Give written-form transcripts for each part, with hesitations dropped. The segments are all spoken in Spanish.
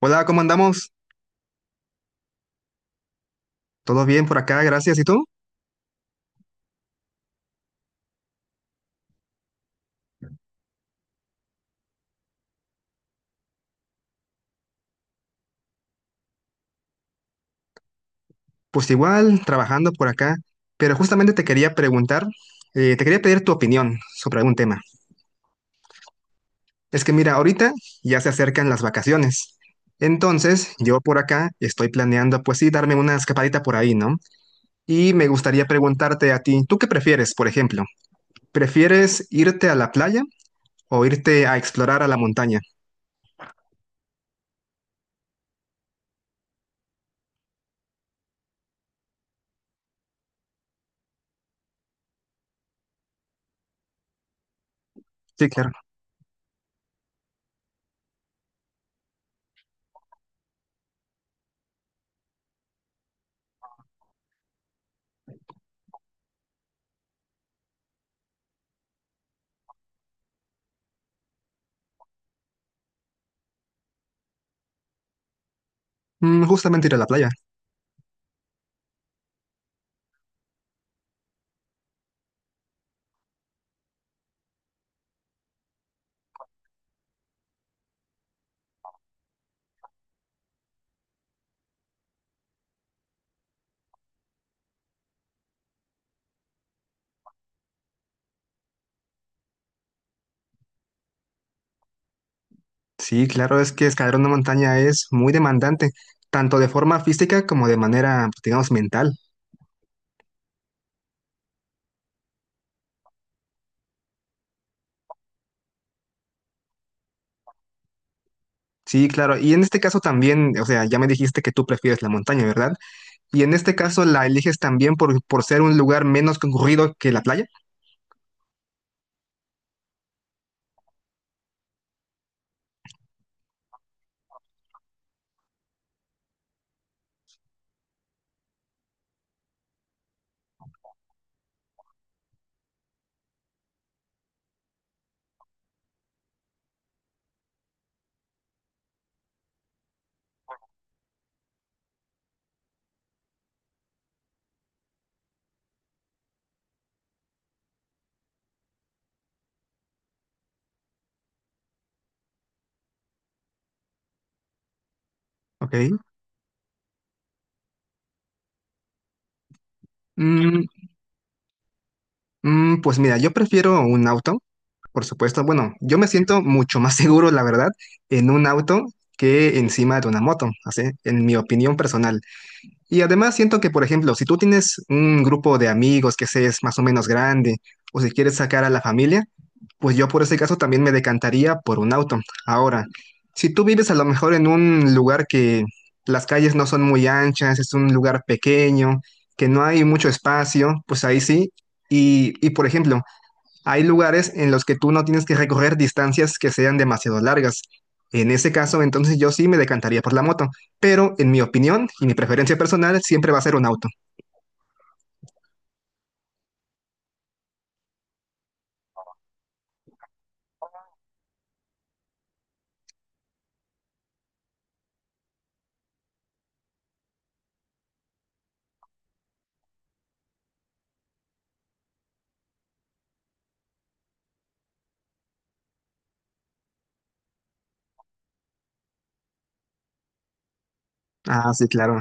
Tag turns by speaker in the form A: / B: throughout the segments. A: Hola, ¿cómo andamos? ¿Todo bien por acá? Gracias. ¿Y tú? Pues igual, trabajando por acá. Pero justamente te quería preguntar, te quería pedir tu opinión sobre algún tema. Es que mira, ahorita ya se acercan las vacaciones. Entonces, yo por acá estoy planeando, pues sí, darme una escapadita por ahí, ¿no? Y me gustaría preguntarte a ti, ¿tú qué prefieres, por ejemplo? ¿Prefieres irte a la playa o irte a explorar a la montaña? Sí, claro. Mm, justamente ir a la playa. Sí, claro, es que escalar una montaña es muy demandante, tanto de forma física como de manera, pues, digamos, mental. Sí, claro, y en este caso también, o sea, ya me dijiste que tú prefieres la montaña, ¿verdad? Y en este caso la eliges también por ser un lugar menos concurrido que la playa, ¿ok? Mm, pues mira, yo prefiero un auto, por supuesto. Bueno, yo me siento mucho más seguro, la verdad, en un auto que encima de una moto, así, en mi opinión personal. Y además siento que, por ejemplo, si tú tienes un grupo de amigos que se es más o menos grande, o si quieres sacar a la familia, pues yo por ese caso también me decantaría por un auto. Ahora, si tú vives a lo mejor en un lugar que las calles no son muy anchas, es un lugar pequeño, que no hay mucho espacio, pues ahí sí. Y por ejemplo, hay lugares en los que tú no tienes que recorrer distancias que sean demasiado largas. En ese caso, entonces yo sí me decantaría por la moto, pero en mi opinión y mi preferencia personal siempre va a ser un auto. Ah, sí, claro.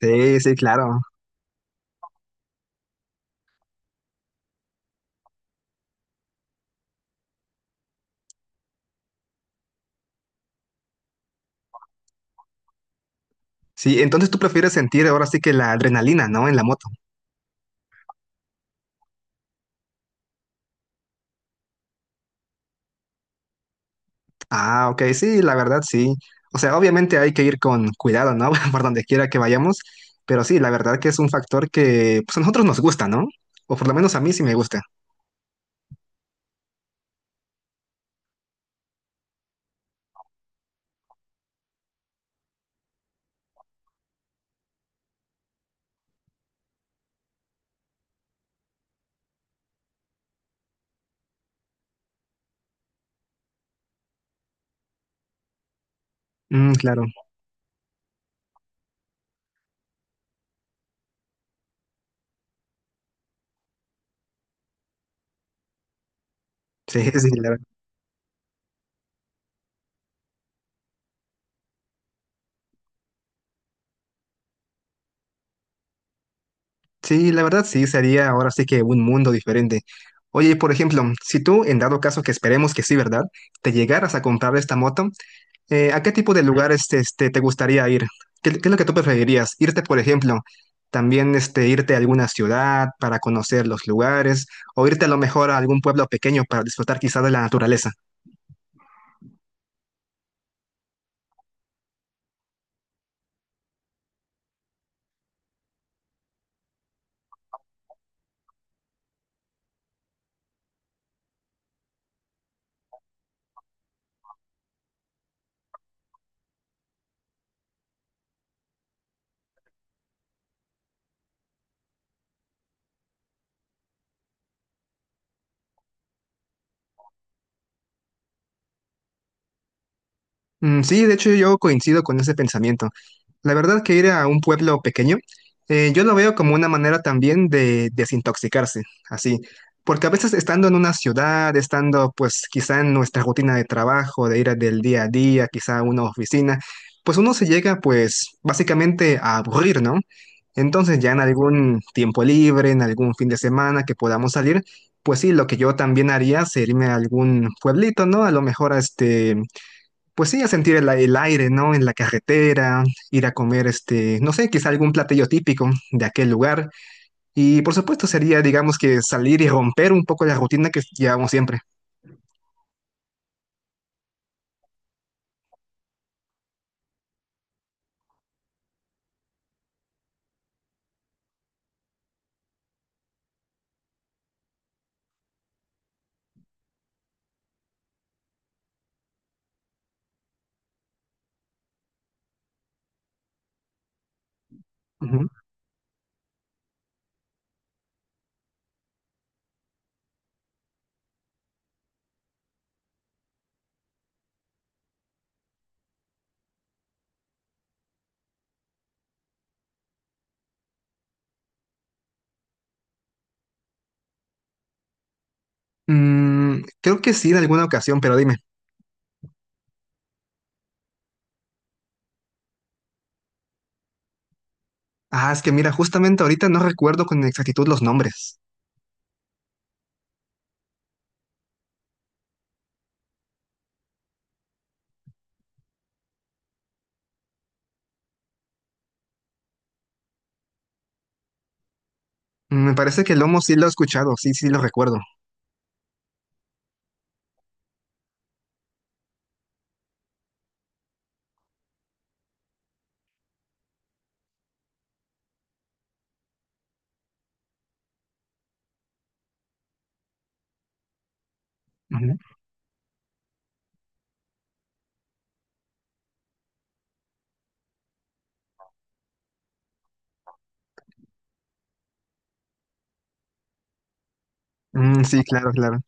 A: Sí, sí, claro. Sí, entonces tú prefieres sentir ahora sí que la adrenalina, ¿no? En la moto. Ah, ok, sí, la verdad, sí. O sea, obviamente hay que ir con cuidado, ¿no? Por donde quiera que vayamos, pero sí, la verdad que es un factor que pues, a nosotros nos gusta, ¿no? O por lo menos a mí sí me gusta. Mm, claro. Sí, sí, claro. Sí, la verdad sí, sería ahora sí que un mundo diferente. Oye, por ejemplo, si tú, en dado caso que esperemos que sí, ¿verdad? Te llegaras a comprar esta moto, ¿a qué tipo de lugares este, te gustaría ir? ¿Qué, qué es lo que tú preferirías? ¿Irte, por ejemplo, también este, irte a alguna ciudad para conocer los lugares o irte a lo mejor a algún pueblo pequeño para disfrutar quizá de la naturaleza? Mm, sí, de hecho yo coincido con ese pensamiento. La verdad que ir a un pueblo pequeño, yo lo veo como una manera también de desintoxicarse, así, porque a veces estando en una ciudad, estando pues quizá en nuestra rutina de trabajo, de del día a día, quizá a una oficina, pues uno se llega pues básicamente a aburrir, ¿no? Entonces ya en algún tiempo libre, en algún fin de semana que podamos salir, pues sí, lo que yo también haría sería irme a algún pueblito, ¿no? A lo mejor a este... Pues sí, a sentir el aire, ¿no? En la carretera, ir a comer, este, no sé, quizá algún platillo típico de aquel lugar. Y por supuesto sería, digamos que salir y romper un poco la rutina que llevamos siempre. Ujú. Mm, creo que sí, en alguna ocasión, pero dime. Ah, es que mira, justamente ahorita no recuerdo con exactitud los nombres. Mm, me parece que Lomo sí lo he escuchado, sí, sí lo recuerdo. Ujú. Mm, sí, claro, claro.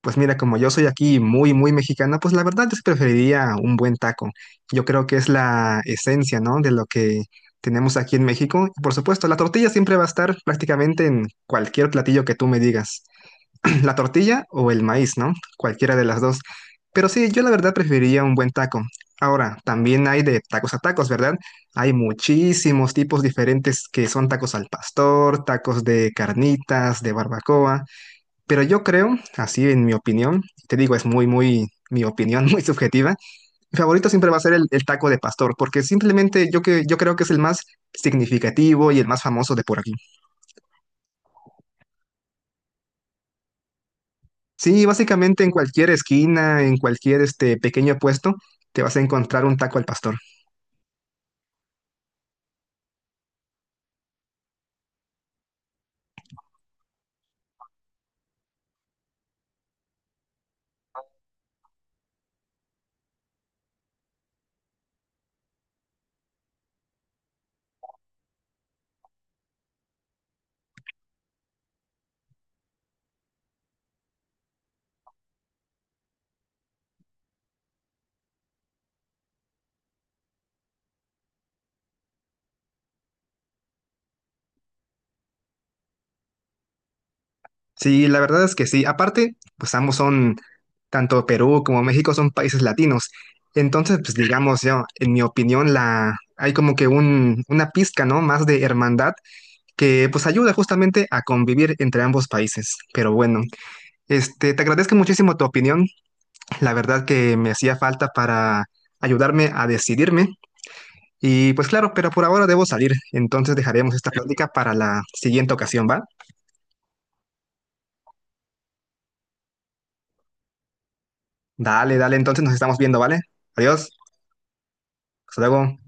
A: Pues mira, como yo soy aquí muy mexicana, pues la verdad yo que preferiría un buen taco. Yo creo que es la esencia, ¿no? De lo que tenemos aquí en México. Y por supuesto, la tortilla siempre va a estar prácticamente en cualquier platillo que tú me digas. La tortilla o el maíz, ¿no? Cualquiera de las dos. Pero sí, yo la verdad preferiría un buen taco. Ahora, también hay de tacos a tacos, ¿verdad? Hay muchísimos tipos diferentes que son tacos al pastor, tacos de carnitas, de barbacoa. Pero yo creo, así en mi opinión, te digo, es mi opinión muy subjetiva, mi favorito siempre va a ser el taco de pastor, porque simplemente yo creo que es el más significativo y el más famoso de por aquí. Sí, básicamente en cualquier esquina, en cualquier este pequeño puesto, te vas a encontrar un taco al pastor. Sí, la verdad es que sí. Aparte, pues ambos son, tanto Perú como México son países latinos. Entonces, pues digamos, yo, en mi opinión, la, hay como que un, una pizca, ¿no? Más de hermandad que pues ayuda justamente a convivir entre ambos países. Pero bueno, este, te agradezco muchísimo tu opinión, la verdad que me hacía falta para ayudarme a decidirme. Y pues claro, pero por ahora debo salir, entonces dejaremos esta plática para la siguiente ocasión, ¿va? Dale, dale, entonces nos estamos viendo, ¿vale? Adiós, hasta luego.